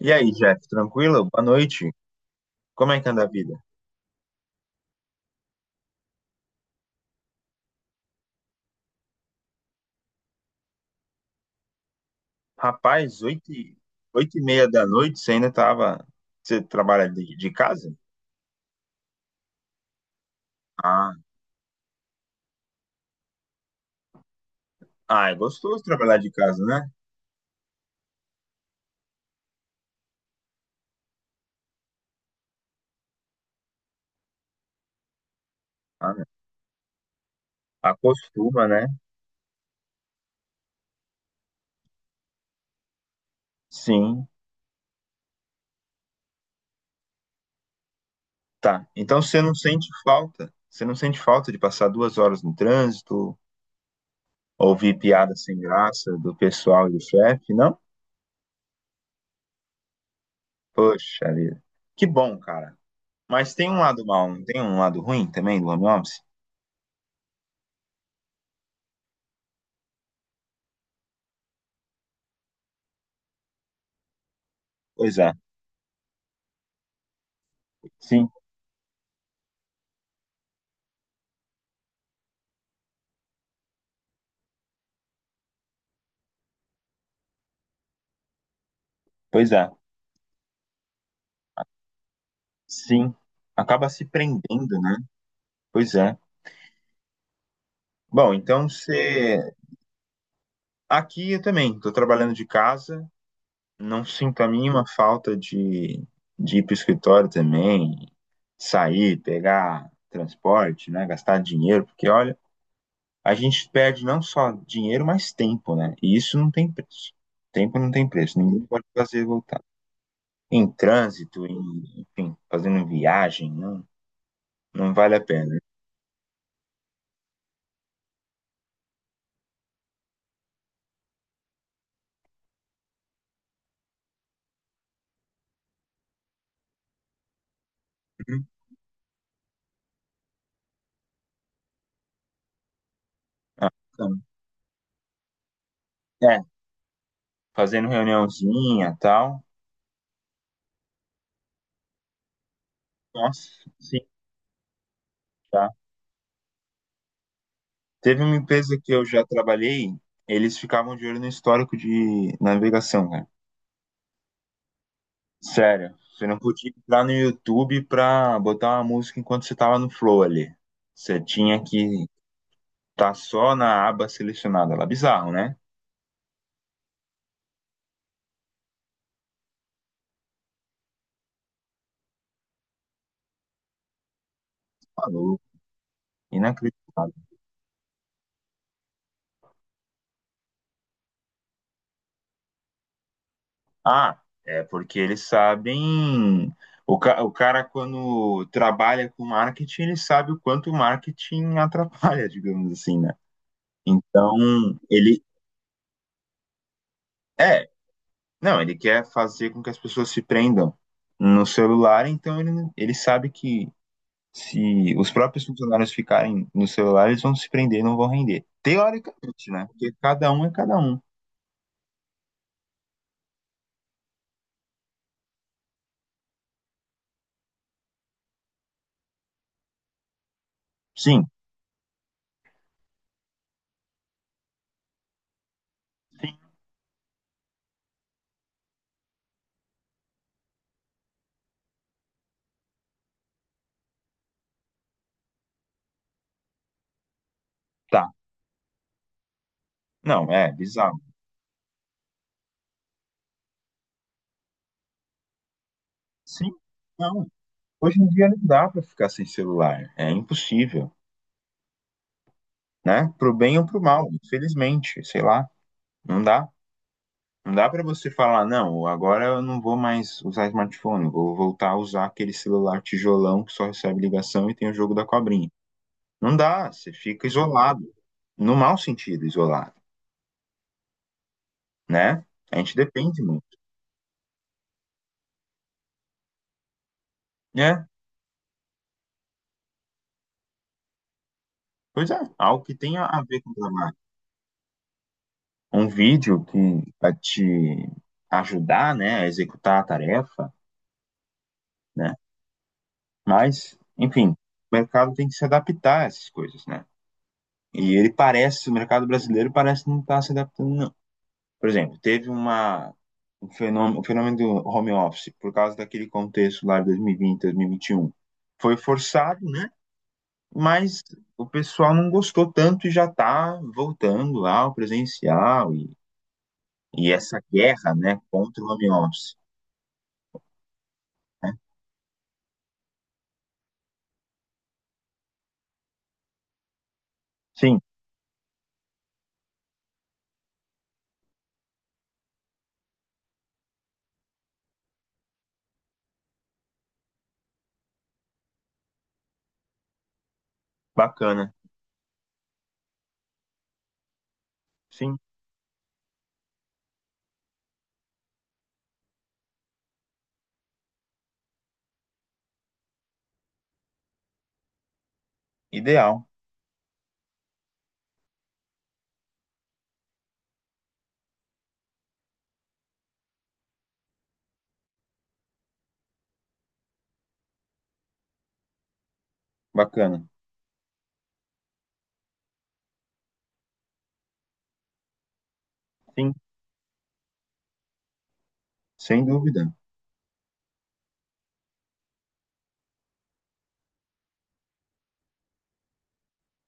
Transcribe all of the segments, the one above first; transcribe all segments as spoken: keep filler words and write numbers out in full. E aí, Jeff, tranquilo? Boa noite. Como é que anda a vida? Rapaz, oito e, oito e meia da noite, você ainda tava... Você trabalha de, de casa? Ah, ah, é gostoso trabalhar de casa, né? Ah, né? Acostuma, né? Sim, tá. Então você não sente falta? Você não sente falta de passar duas horas no trânsito, ouvir piada sem graça do pessoal e do chefe, não? Poxa vida. Que bom, cara. Mas tem um lado mal, não tem um lado ruim também do home office? Pois é, sim, pois é. Sim, acaba se prendendo, né? Pois é. Bom, então você. Aqui eu também estou trabalhando de casa, não sinto a mínima falta de, de ir para o escritório também, sair, pegar transporte, né? Gastar dinheiro, porque olha, a gente perde não só dinheiro, mas tempo, né? E isso não tem preço. Tempo não tem preço, ninguém pode fazer voltar. Em trânsito, em, enfim, fazendo viagem, não, não vale a pena. Uhum. Ah, então. É. Fazendo reuniãozinha, tal. Nossa, sim, tá. Teve uma empresa que eu já trabalhei, eles ficavam de olho no histórico de navegação, cara. Sério, você não podia entrar no YouTube pra botar uma música enquanto você tava no flow ali. Você tinha que estar só na aba selecionada lá. Bizarro, né? Maluco, inacreditável. Ah, é porque eles sabem. O, ca- o cara, quando trabalha com marketing, ele sabe o quanto o marketing atrapalha, digamos assim, né? Então, ele é, não, ele quer fazer com que as pessoas se prendam no celular, então ele, ele sabe que se os próprios funcionários ficarem no celular, eles vão se prender, não vão render. Teoricamente, né? Porque cada um é cada um. Sim, sim, tá. Não, é bizarro. Sim, não. Hoje em dia não dá pra ficar sem celular, é impossível, né? Pro bem ou pro mal, infelizmente, sei lá, não dá. Não dá para você falar, não, agora eu não vou mais usar smartphone, vou voltar a usar aquele celular tijolão que só recebe ligação e tem o jogo da cobrinha. Não dá, você fica isolado, no mau sentido, isolado, né? A gente depende muito, né? Pois é, algo que tenha a ver com o trabalho. Um vídeo que vai te ajudar, né, a executar a tarefa, né? Mas, enfim, o mercado tem que se adaptar a essas coisas, né? E ele parece, o mercado brasileiro parece não estar se adaptando. Por exemplo, teve uma, um fenômeno, o fenômeno do home office, por causa daquele contexto lá de dois mil e vinte, dois mil e vinte e um. Foi forçado, né? Mas o pessoal não gostou tanto e já está voltando lá ao presencial e, e essa guerra, né, contra o home office. Né? Sim, bacana. Sim, ideal. Bacana. Sim, sem dúvida.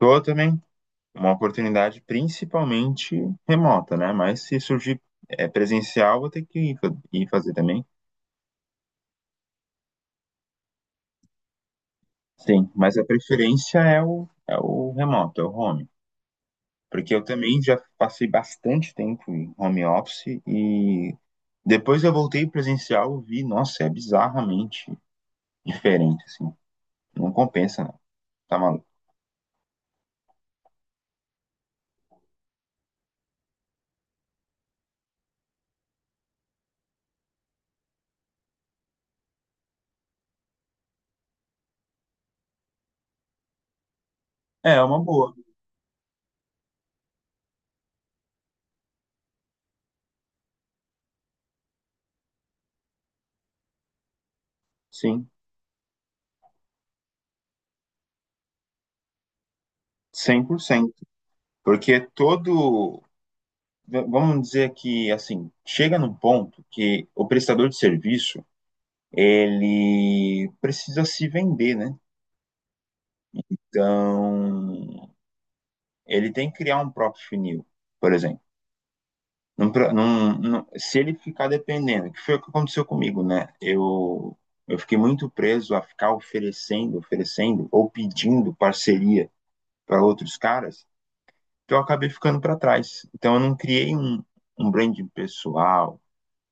Tô também uma oportunidade principalmente remota, né? Mas se surgir é, presencial, vou ter que ir fa- ir fazer também. Sim, mas a preferência é o, é o remoto, é o home. Porque eu também já passei bastante tempo em home office e depois eu voltei presencial e vi, nossa, é bizarramente diferente, assim. Não compensa, não. Tá maluco. É é uma boa, sim, cem por cento. Porque todo, v- vamos dizer que, assim, chega num ponto que o prestador de serviço, ele precisa se vender, né? Então, ele tem que criar um próprio funil, por exemplo. Num pro- num- se ele ficar dependendo, que foi o que aconteceu comigo, né? Eu, eu fiquei muito preso a ficar oferecendo, oferecendo ou pedindo parceria para outros caras, que eu acabei ficando para trás. Então eu não criei um, um branding pessoal,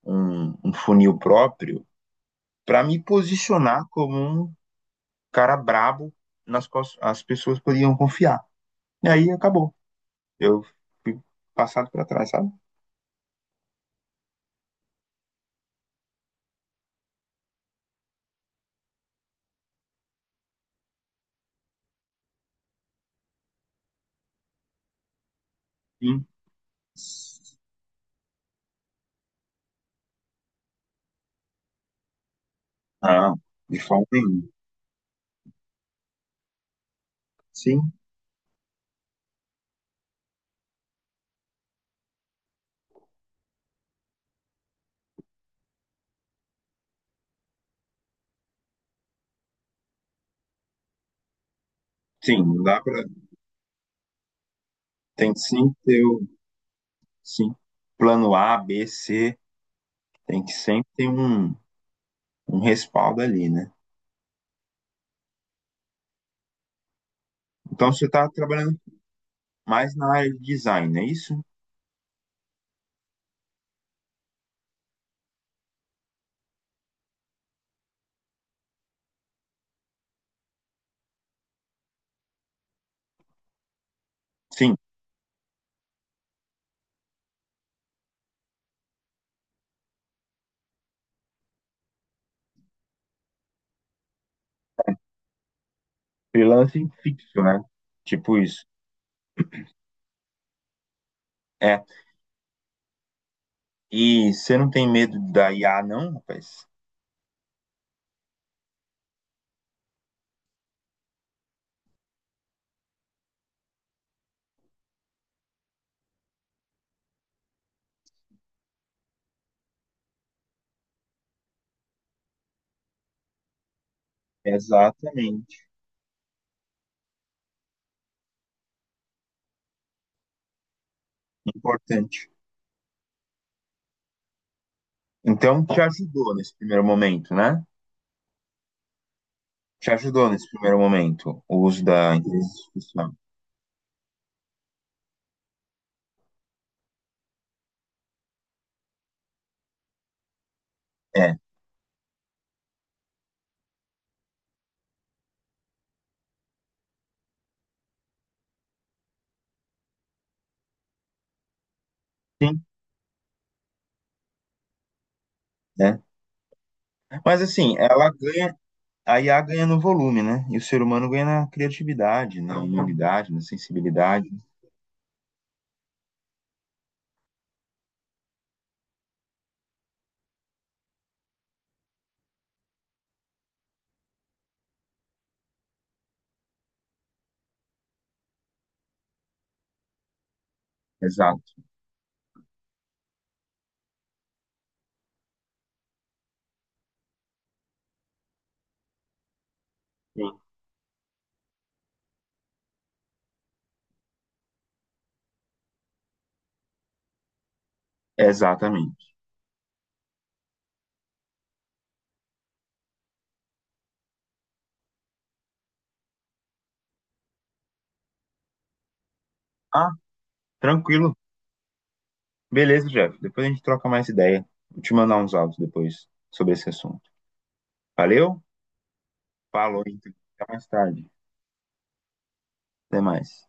um, um funil próprio, para me posicionar como um cara brabo nas quais as pessoas podiam confiar. E aí acabou. Eu fui passado para trás, sabe? Sim. Não, de forma nenhuma. Sim, sim, não dá para. Tem que sim ter o- sim, plano A, B, C, tem que sempre ter um, um respaldo ali, né? Então você está trabalhando mais na área de design, é isso? Sim, freelancing fixo, né? Tipo isso. É. E você não tem medo da I A, não, rapaz? Exatamente, importante. Então te ajudou nesse primeiro momento, né? Te ajudou nesse primeiro momento o uso da inteligência artificial. É. Sim. Né? Mas assim, ela ganha, a I A ganha no volume, né? E o ser humano ganha na criatividade, na humanidade, na sensibilidade. Exato. Sim. Exatamente. Ah, tranquilo. Beleza, Jeff. Depois a gente troca mais ideia. Vou te mandar uns áudios depois sobre esse assunto. Valeu? Falou, então. Até mais tarde. Até mais.